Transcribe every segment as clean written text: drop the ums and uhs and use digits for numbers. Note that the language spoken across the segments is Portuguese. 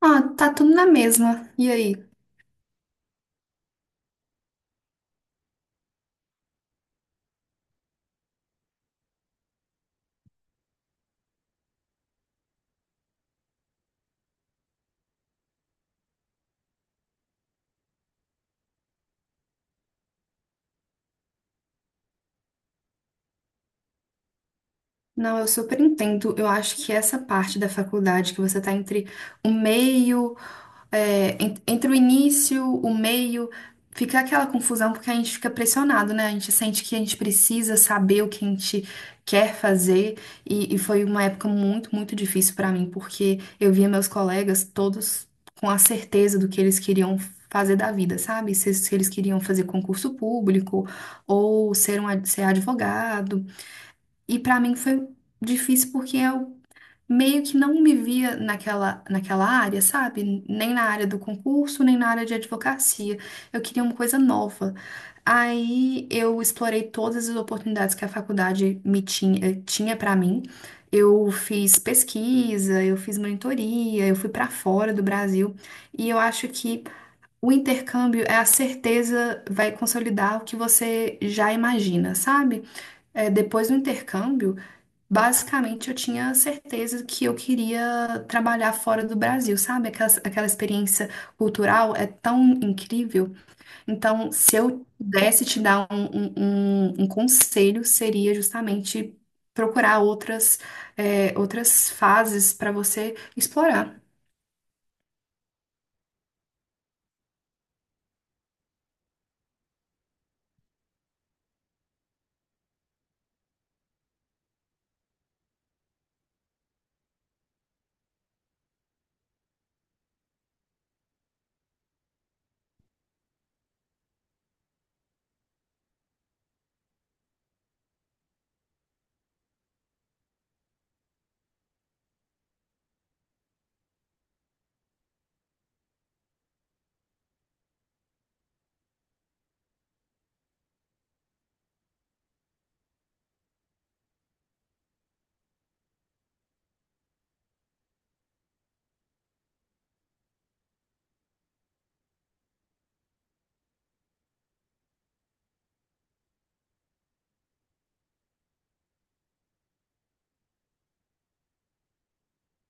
Ah, tá tudo na mesma. E aí? Não, eu super entendo. Eu acho que essa parte da faculdade, que você tá entre o meio entre o início, o meio, fica aquela confusão porque a gente fica pressionado, né? A gente sente que a gente precisa saber o que a gente quer fazer e foi uma época muito, muito difícil pra mim porque eu via meus colegas todos com a certeza do que eles queriam fazer da vida, sabe? Se eles queriam fazer concurso público ou ser advogado. E pra mim foi difícil porque eu meio que não me via naquela área, sabe? Nem na área do concurso, nem na área de advocacia. Eu queria uma coisa nova. Aí eu explorei todas as oportunidades que a faculdade me tinha para mim. Eu fiz pesquisa, eu fiz monitoria, eu fui para fora do Brasil. E eu acho que o intercâmbio é a certeza, vai consolidar o que você já imagina, sabe? É, depois do intercâmbio, basicamente, eu tinha certeza que eu queria trabalhar fora do Brasil, sabe? Aquela experiência cultural é tão incrível. Então, se eu pudesse te dar um conselho, seria justamente procurar outras fases para você explorar.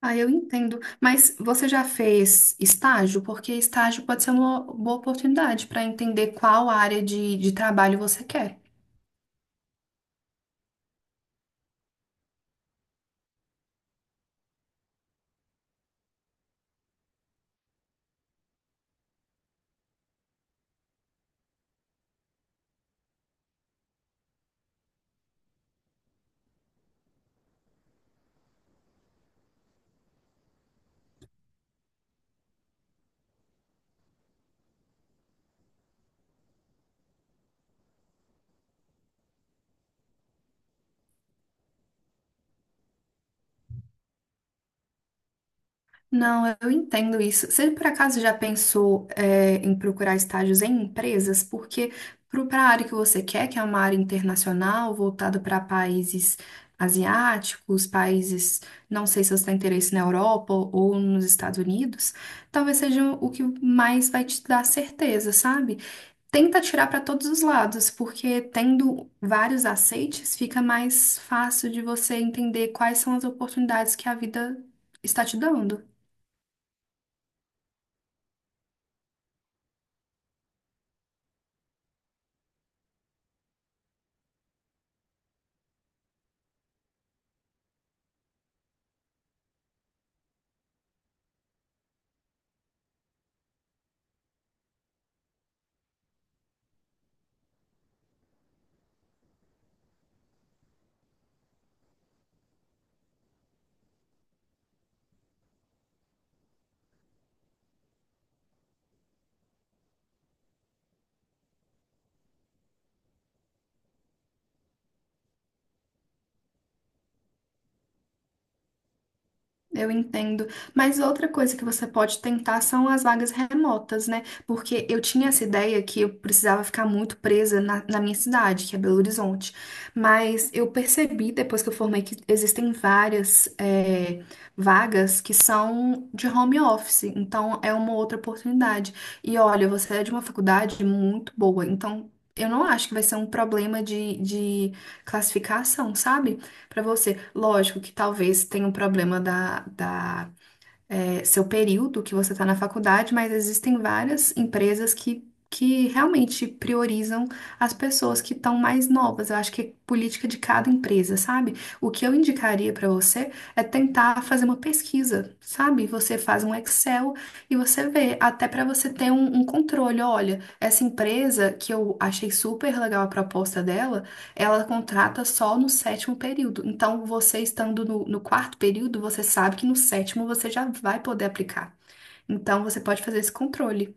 Ah, eu entendo. Mas você já fez estágio? Porque estágio pode ser uma boa oportunidade para entender qual área de trabalho você quer. Não, eu entendo isso. Você por acaso já pensou, em procurar estágios em empresas? Porque para a área que você quer, que é uma área internacional, voltada para países asiáticos, não sei se você tem interesse na Europa ou nos Estados Unidos, talvez seja o que mais vai te dar certeza, sabe? Tenta tirar para todos os lados, porque tendo vários aceites, fica mais fácil de você entender quais são as oportunidades que a vida está te dando. Eu entendo. Mas outra coisa que você pode tentar são as vagas remotas, né? Porque eu tinha essa ideia que eu precisava ficar muito presa na minha cidade, que é Belo Horizonte. Mas eu percebi depois que eu formei que existem várias, vagas que são de home office. Então é uma outra oportunidade. E olha, você é de uma faculdade muito boa. Então eu não acho que vai ser um problema de classificação, sabe? Para você. Lógico que talvez tenha um problema da, seu período que você está na faculdade, mas existem várias empresas que realmente priorizam as pessoas que estão mais novas. Eu acho que é política de cada empresa, sabe? O que eu indicaria para você é tentar fazer uma pesquisa, sabe? Você faz um Excel e você vê, até para você ter um controle. Olha, essa empresa que eu achei super legal a proposta dela ela contrata só no sétimo período. Então, você estando no quarto período, você sabe que no sétimo você já vai poder aplicar. Então, você pode fazer esse controle.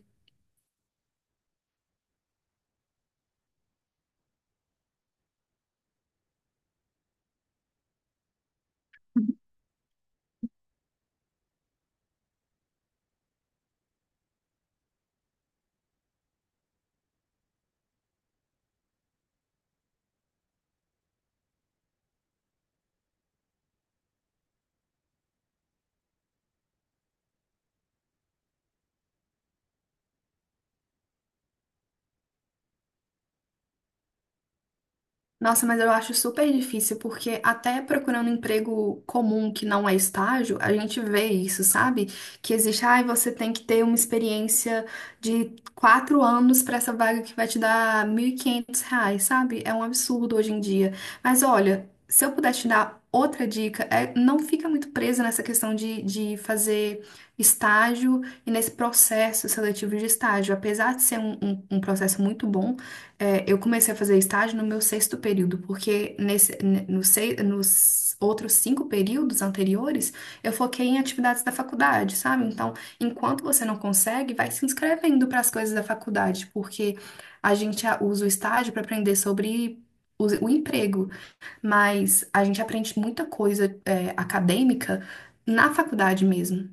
Nossa, mas eu acho super difícil, porque até procurando emprego comum que não é estágio, a gente vê isso, sabe? Que existe, ai, você tem que ter uma experiência de 4 anos para essa vaga que vai te dar R$ 1.500, sabe? É um absurdo hoje em dia. Mas olha, se eu puder te dar outra dica, é não fica muito presa nessa questão de fazer estágio e nesse processo seletivo de estágio. Apesar de ser um processo muito bom, eu comecei a fazer estágio no meu sexto período, porque nesse, ne- no sei- nos outros cinco períodos anteriores, eu foquei em atividades da faculdade, sabe? Então, enquanto você não consegue, vai se inscrevendo para as coisas da faculdade, porque a gente usa o estágio para aprender sobre o emprego, mas a gente aprende muita coisa, acadêmica na faculdade mesmo.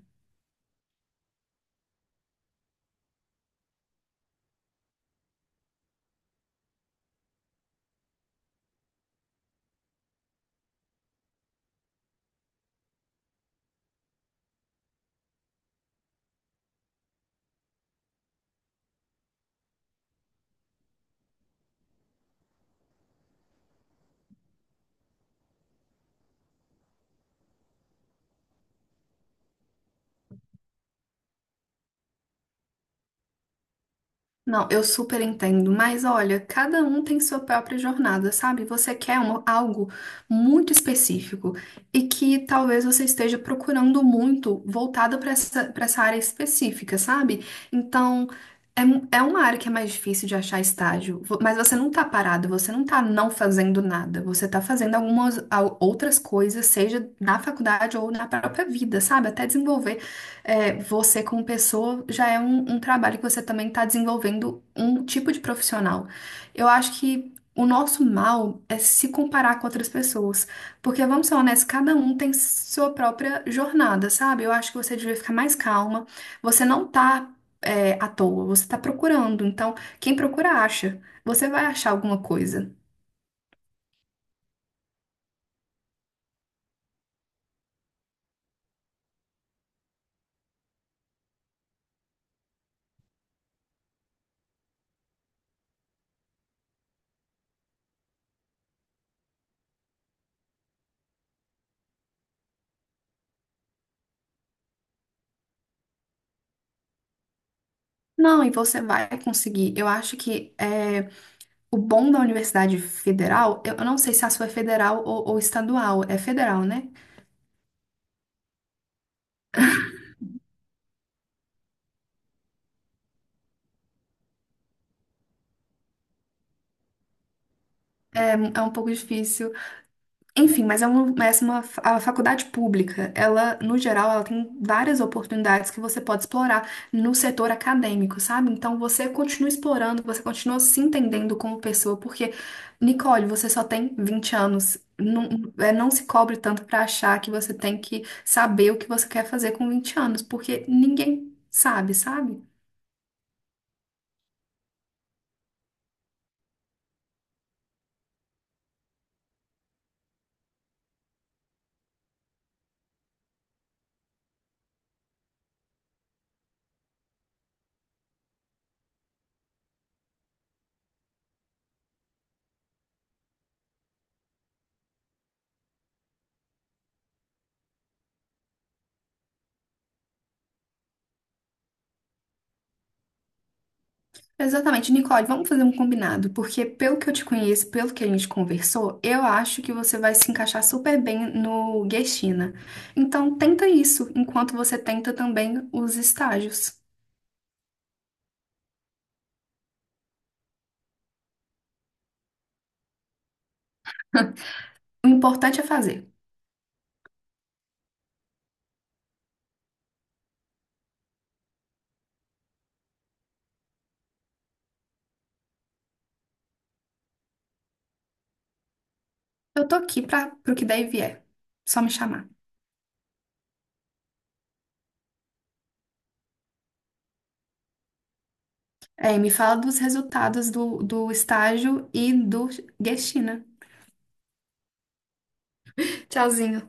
Não, eu super entendo, mas olha, cada um tem sua própria jornada, sabe? Você quer algo muito específico e que talvez você esteja procurando muito voltado para essa área específica, sabe? Então, é uma área que é mais difícil de achar estágio, mas você não tá parado, você não tá não fazendo nada, você tá fazendo algumas outras coisas, seja na faculdade ou na própria vida, sabe? Até desenvolver, você como pessoa já é um trabalho que você também está desenvolvendo um tipo de profissional. Eu acho que o nosso mal é se comparar com outras pessoas, porque vamos ser honestos, cada um tem sua própria jornada, sabe? Eu acho que você devia ficar mais calma. Você não tá à toa, você tá procurando. Então, quem procura acha. Você vai achar alguma coisa. Não, e você vai conseguir. Eu acho que é. O bom da Universidade Federal, eu não sei se a sua é federal ou estadual, é federal, né? É um pouco difícil. Enfim, mas a faculdade pública, ela, no geral, ela tem várias oportunidades que você pode explorar no setor acadêmico, sabe? Então você continua explorando, você continua se entendendo como pessoa, porque, Nicole, você só tem 20 anos. Não, não se cobre tanto para achar que você tem que saber o que você quer fazer com 20 anos, porque ninguém sabe, sabe? Exatamente. Nicole, vamos fazer um combinado, porque pelo que eu te conheço, pelo que a gente conversou, eu acho que você vai se encaixar super bem no Guestina. Então, tenta isso, enquanto você tenta também os estágios. O importante é fazer. Eu tô aqui para pro que daí vier. Só me chamar. Me fala dos resultados do estágio e do Guestina. Tchauzinho.